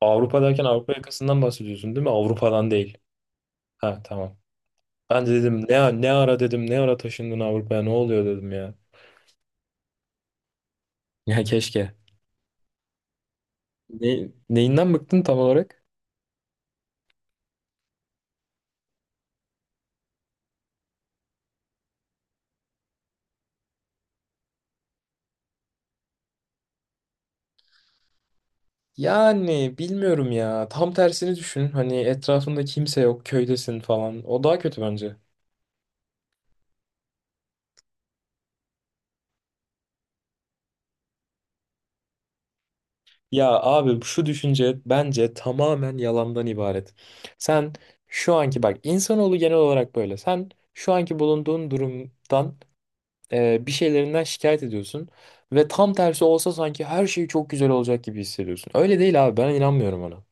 Avrupa derken Avrupa yakasından bahsediyorsun değil mi? Avrupa'dan değil. Ha, tamam. Ben de dedim ne ara, dedim ne ara taşındın Avrupa'ya, ne oluyor, dedim ya. Ya keşke. Neyinden bıktın tam olarak? Yani bilmiyorum ya. Tam tersini düşün. Hani etrafında kimse yok, köydesin falan. O daha kötü bence. Ya abi şu düşünce bence tamamen yalandan ibaret. Sen şu anki bak, insanoğlu genel olarak böyle. Sen şu anki bulunduğun durumdan bir şeylerinden şikayet ediyorsun ve tam tersi olsa sanki her şey çok güzel olacak gibi hissediyorsun. Öyle değil abi, ben inanmıyorum ona.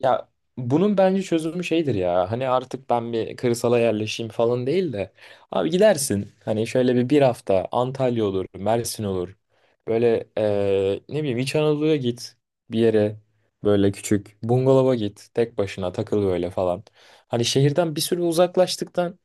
Ya bunun bence çözümü şeydir, ya hani artık ben bir kırsala yerleşeyim falan değil de, abi gidersin hani şöyle bir hafta Antalya olur Mersin olur, böyle ne bileyim İç Anadolu'ya git, bir yere böyle küçük bungalova git, tek başına takıl böyle falan. Hani şehirden bir süre uzaklaştıktan.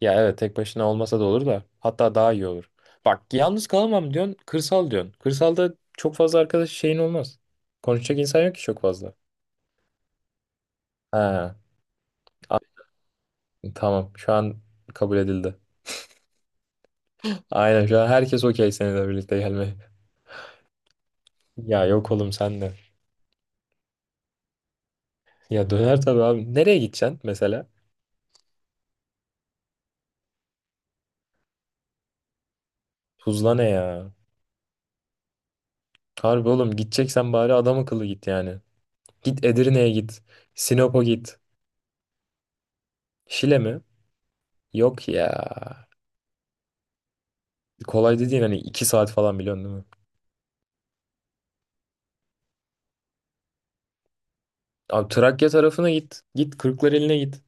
Ya evet, tek başına olmasa da olur, da hatta daha iyi olur. Bak, yalnız kalamam diyorsun, kırsal diyorsun. Kırsalda çok fazla arkadaş şeyin olmaz. Konuşacak insan yok ki çok fazla. Ha, a- tamam, şu an kabul edildi. Aynen, şu an herkes okey seninle birlikte gelmeye. Ya yok oğlum, sen de. Ya döner tabii abi. Nereye gideceksin mesela? Tuzla ne ya? Harbi oğlum, gideceksen bari adam akıllı git yani. Git Edirne'ye git. Sinop'a git. Şile mi? Yok ya. Kolay dediğin hani 2 saat falan, biliyorsun değil mi? Abi Trakya tarafına git. Git Kırklareli'ne git.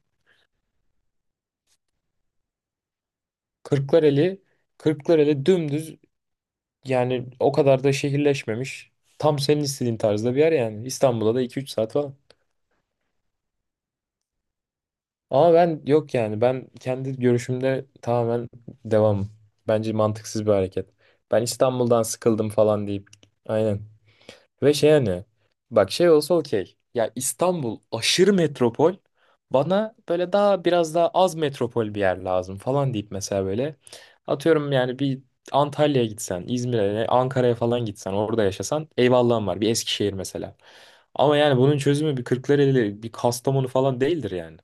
Kırklareli, Kırklareli dümdüz yani, o kadar da şehirleşmemiş. Tam senin istediğin tarzda bir yer yani. İstanbul'a da 2-3 saat falan. Ama ben yok yani, ben kendi görüşümde tamamen devam. Bence mantıksız bir hareket. Ben İstanbul'dan sıkıldım falan deyip. Aynen. Ve şey hani, bak, şey olsa okey. Ya İstanbul aşırı metropol. Bana böyle daha biraz daha az metropol bir yer lazım falan deyip mesela, böyle atıyorum yani, bir Antalya'ya gitsen, İzmir'e, Ankara'ya falan gitsen, orada yaşasan eyvallahım var. Bir Eskişehir mesela. Ama yani bunun çözümü bir Kırklareli, bir Kastamonu falan değildir yani.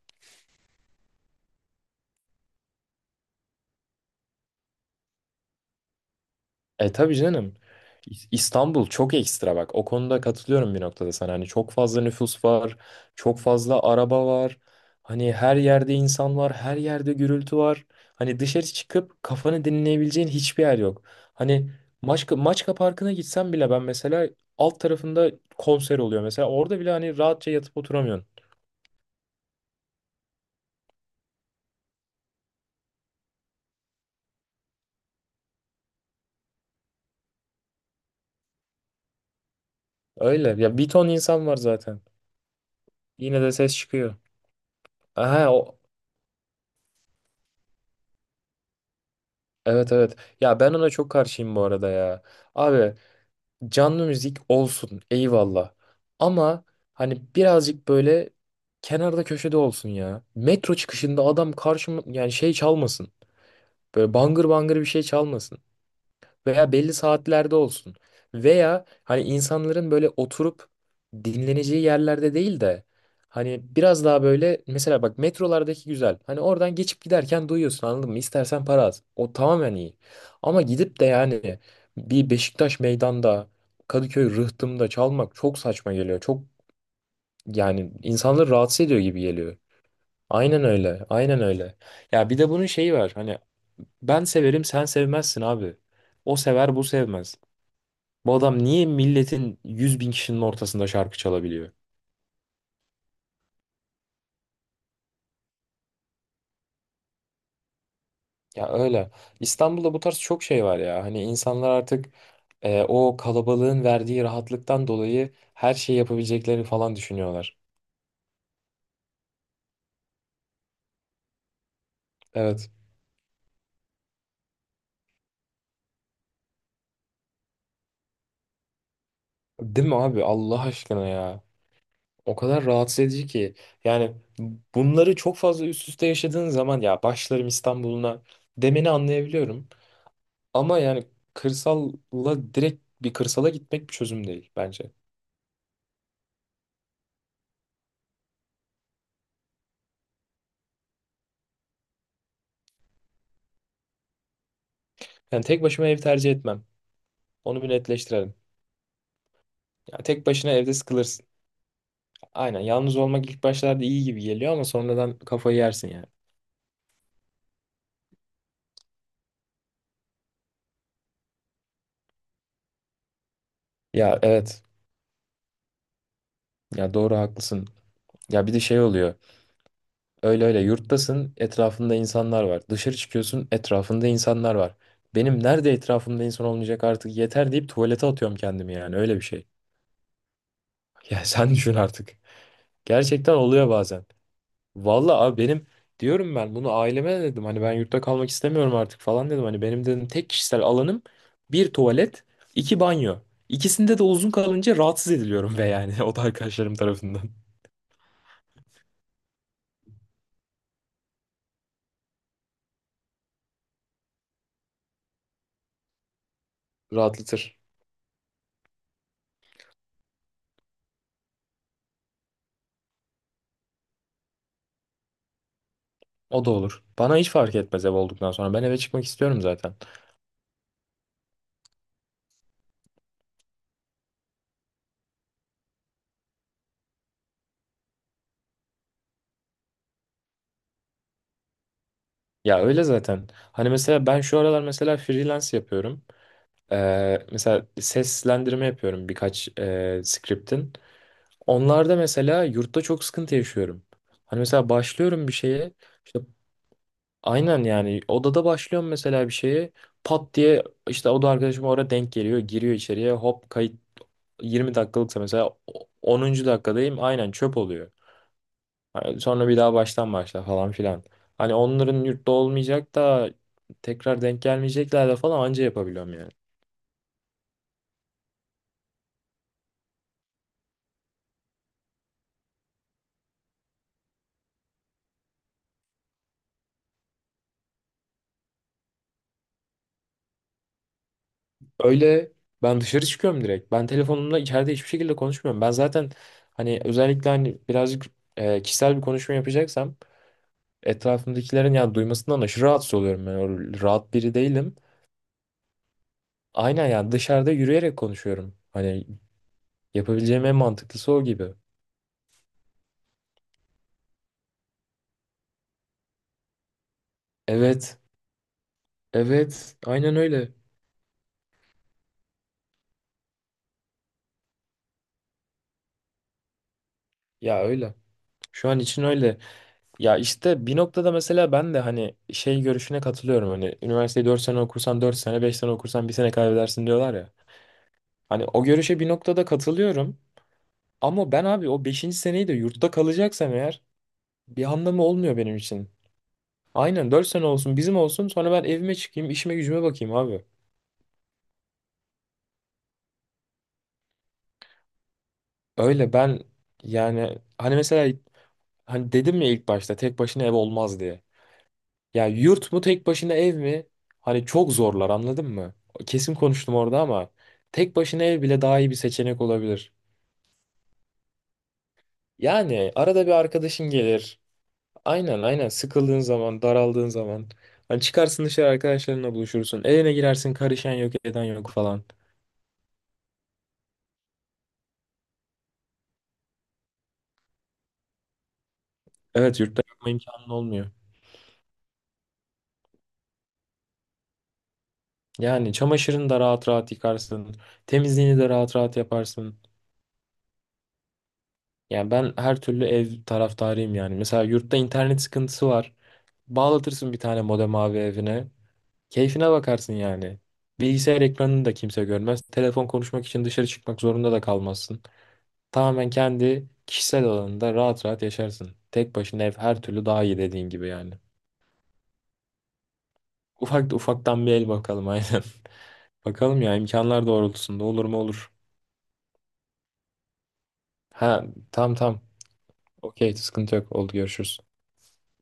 E tabii canım. İstanbul çok ekstra bak. O konuda katılıyorum bir noktada sana. Hani çok fazla nüfus var, çok fazla araba var. Hani her yerde insan var, her yerde gürültü var. Hani dışarı çıkıp kafanı dinleyebileceğin hiçbir yer yok. Hani Maçka Parkı'na gitsem bile ben mesela, alt tarafında konser oluyor mesela. Orada bile hani rahatça yatıp oturamıyorsun. Öyle. Ya bir ton insan var zaten. Yine de ses çıkıyor. Aha o Evet, evet. Ya ben ona çok karşıyım bu arada ya. Abi, canlı müzik olsun eyvallah. Ama hani birazcık böyle kenarda köşede olsun ya. Metro çıkışında adam karşıma yani şey çalmasın. Böyle bangır bangır bir şey çalmasın, veya belli saatlerde olsun. Veya hani insanların böyle oturup dinleneceği yerlerde değil de, hani biraz daha böyle mesela, bak, metrolardaki güzel. Hani oradan geçip giderken duyuyorsun, anladın mı? İstersen para az. O tamamen iyi. Ama gidip de yani bir Beşiktaş meydanda, Kadıköy Rıhtım'da çalmak çok saçma geliyor. Çok yani, insanları rahatsız ediyor gibi geliyor. Aynen öyle. Aynen öyle. Ya bir de bunun şeyi var. Hani ben severim sen sevmezsin abi. O sever, bu sevmez. Bu adam niye milletin 100.000 kişinin ortasında şarkı çalabiliyor? Ya öyle. İstanbul'da bu tarz çok şey var ya. Hani insanlar artık o kalabalığın verdiği rahatlıktan dolayı her şeyi yapabileceklerini falan düşünüyorlar. Evet. Değil mi abi? Allah aşkına ya. O kadar rahatsız edici ki. Yani bunları çok fazla üst üste yaşadığın zaman, ya başlarım İstanbul'una demeni anlayabiliyorum. Ama yani kırsalla direkt bir kırsala gitmek bir çözüm değil bence. Yani tek başıma ev tercih etmem. Onu bir netleştirelim. Ya tek başına evde sıkılırsın. Aynen. Yalnız olmak ilk başlarda iyi gibi geliyor ama sonradan kafayı yersin yani. Ya evet. Ya doğru, haklısın. Ya bir de şey oluyor. Öyle öyle yurttasın, etrafında insanlar var. Dışarı çıkıyorsun, etrafında insanlar var. Benim nerede etrafımda insan olmayacak artık, yeter deyip tuvalete atıyorum kendimi, yani öyle bir şey. Ya sen düşün artık. Gerçekten oluyor bazen. Vallahi abi benim, diyorum, ben bunu aileme de dedim, hani ben yurtta kalmak istemiyorum artık falan dedim. Hani benim, dedim, tek kişisel alanım bir tuvalet, iki banyo. İkisinde de uzun kalınca rahatsız ediliyorum ve yani o da arkadaşlarım tarafından. Rahatlatır. O da olur. Bana hiç fark etmez ev olduktan sonra. Ben eve çıkmak istiyorum zaten. Ya öyle zaten. Hani mesela ben şu aralar mesela freelance yapıyorum. Mesela seslendirme yapıyorum birkaç script'in. Onlarda mesela yurtta çok sıkıntı yaşıyorum. Hani mesela başlıyorum bir şeye. İşte aynen, yani odada başlıyorum mesela bir şeye. Pat diye işte oda arkadaşım orada denk geliyor. Giriyor içeriye, hop, kayıt 20 dakikalıksa mesela, 10. dakikadayım, aynen çöp oluyor. Hani sonra bir daha baştan başla falan filan. Hani onların yurtta olmayacak da tekrar denk gelmeyecekler de falan, anca yapabiliyorum yani. Öyle, ben dışarı çıkıyorum direkt. Ben telefonumla içeride hiçbir şekilde konuşmuyorum. Ben zaten hani özellikle hani birazcık kişisel bir konuşma yapacaksam etrafımdakilerin yani duymasından aşırı rahatsız oluyorum. Ben öyle rahat biri değilim. Aynen yani dışarıda yürüyerek konuşuyorum. Hani yapabileceğim en mantıklısı o gibi. Evet, evet, aynen öyle. Ya öyle. Şu an için öyle. Ya işte bir noktada mesela ben de hani şey görüşüne katılıyorum. Hani üniversiteyi 4 sene okursan 4 sene, 5 sene okursan 1 sene kaybedersin diyorlar ya. Hani o görüşe bir noktada katılıyorum. Ama ben abi o beşinci seneyi de yurtta kalacaksam eğer, bir anlamı olmuyor benim için. Aynen, 4 sene olsun bizim olsun, sonra ben evime çıkayım işime gücüme bakayım abi. Öyle, ben yani hani mesela hani dedim ya ilk başta tek başına ev olmaz diye. Ya yurt mu tek başına ev mi? Hani çok zorlar, anladın mı? Kesin konuştum orada ama tek başına ev bile daha iyi bir seçenek olabilir. Yani arada bir arkadaşın gelir. Aynen, aynen, sıkıldığın zaman daraldığın zaman hani çıkarsın dışarı, arkadaşlarınla buluşursun, evine girersin, karışan yok eden yok falan. Evet, yurtta yapma imkanın olmuyor. Yani çamaşırını da rahat rahat yıkarsın, temizliğini de rahat rahat yaparsın. Yani ben her türlü ev taraftarıyım yani, mesela yurtta internet sıkıntısı var, bağlatırsın bir tane modem abi evine, keyfine bakarsın yani. Bilgisayar ekranını da kimse görmez, telefon konuşmak için dışarı çıkmak zorunda da kalmazsın. Tamamen kendi kişisel alanında rahat rahat yaşarsın. Tek başına ev her türlü daha iyi, dediğin gibi yani. Ufak da ufaktan bir el bakalım, aynen. Bakalım ya, imkanlar doğrultusunda olur mu, olur. Ha, tam, tam. Okey, sıkıntı yok. Oldu, görüşürüz.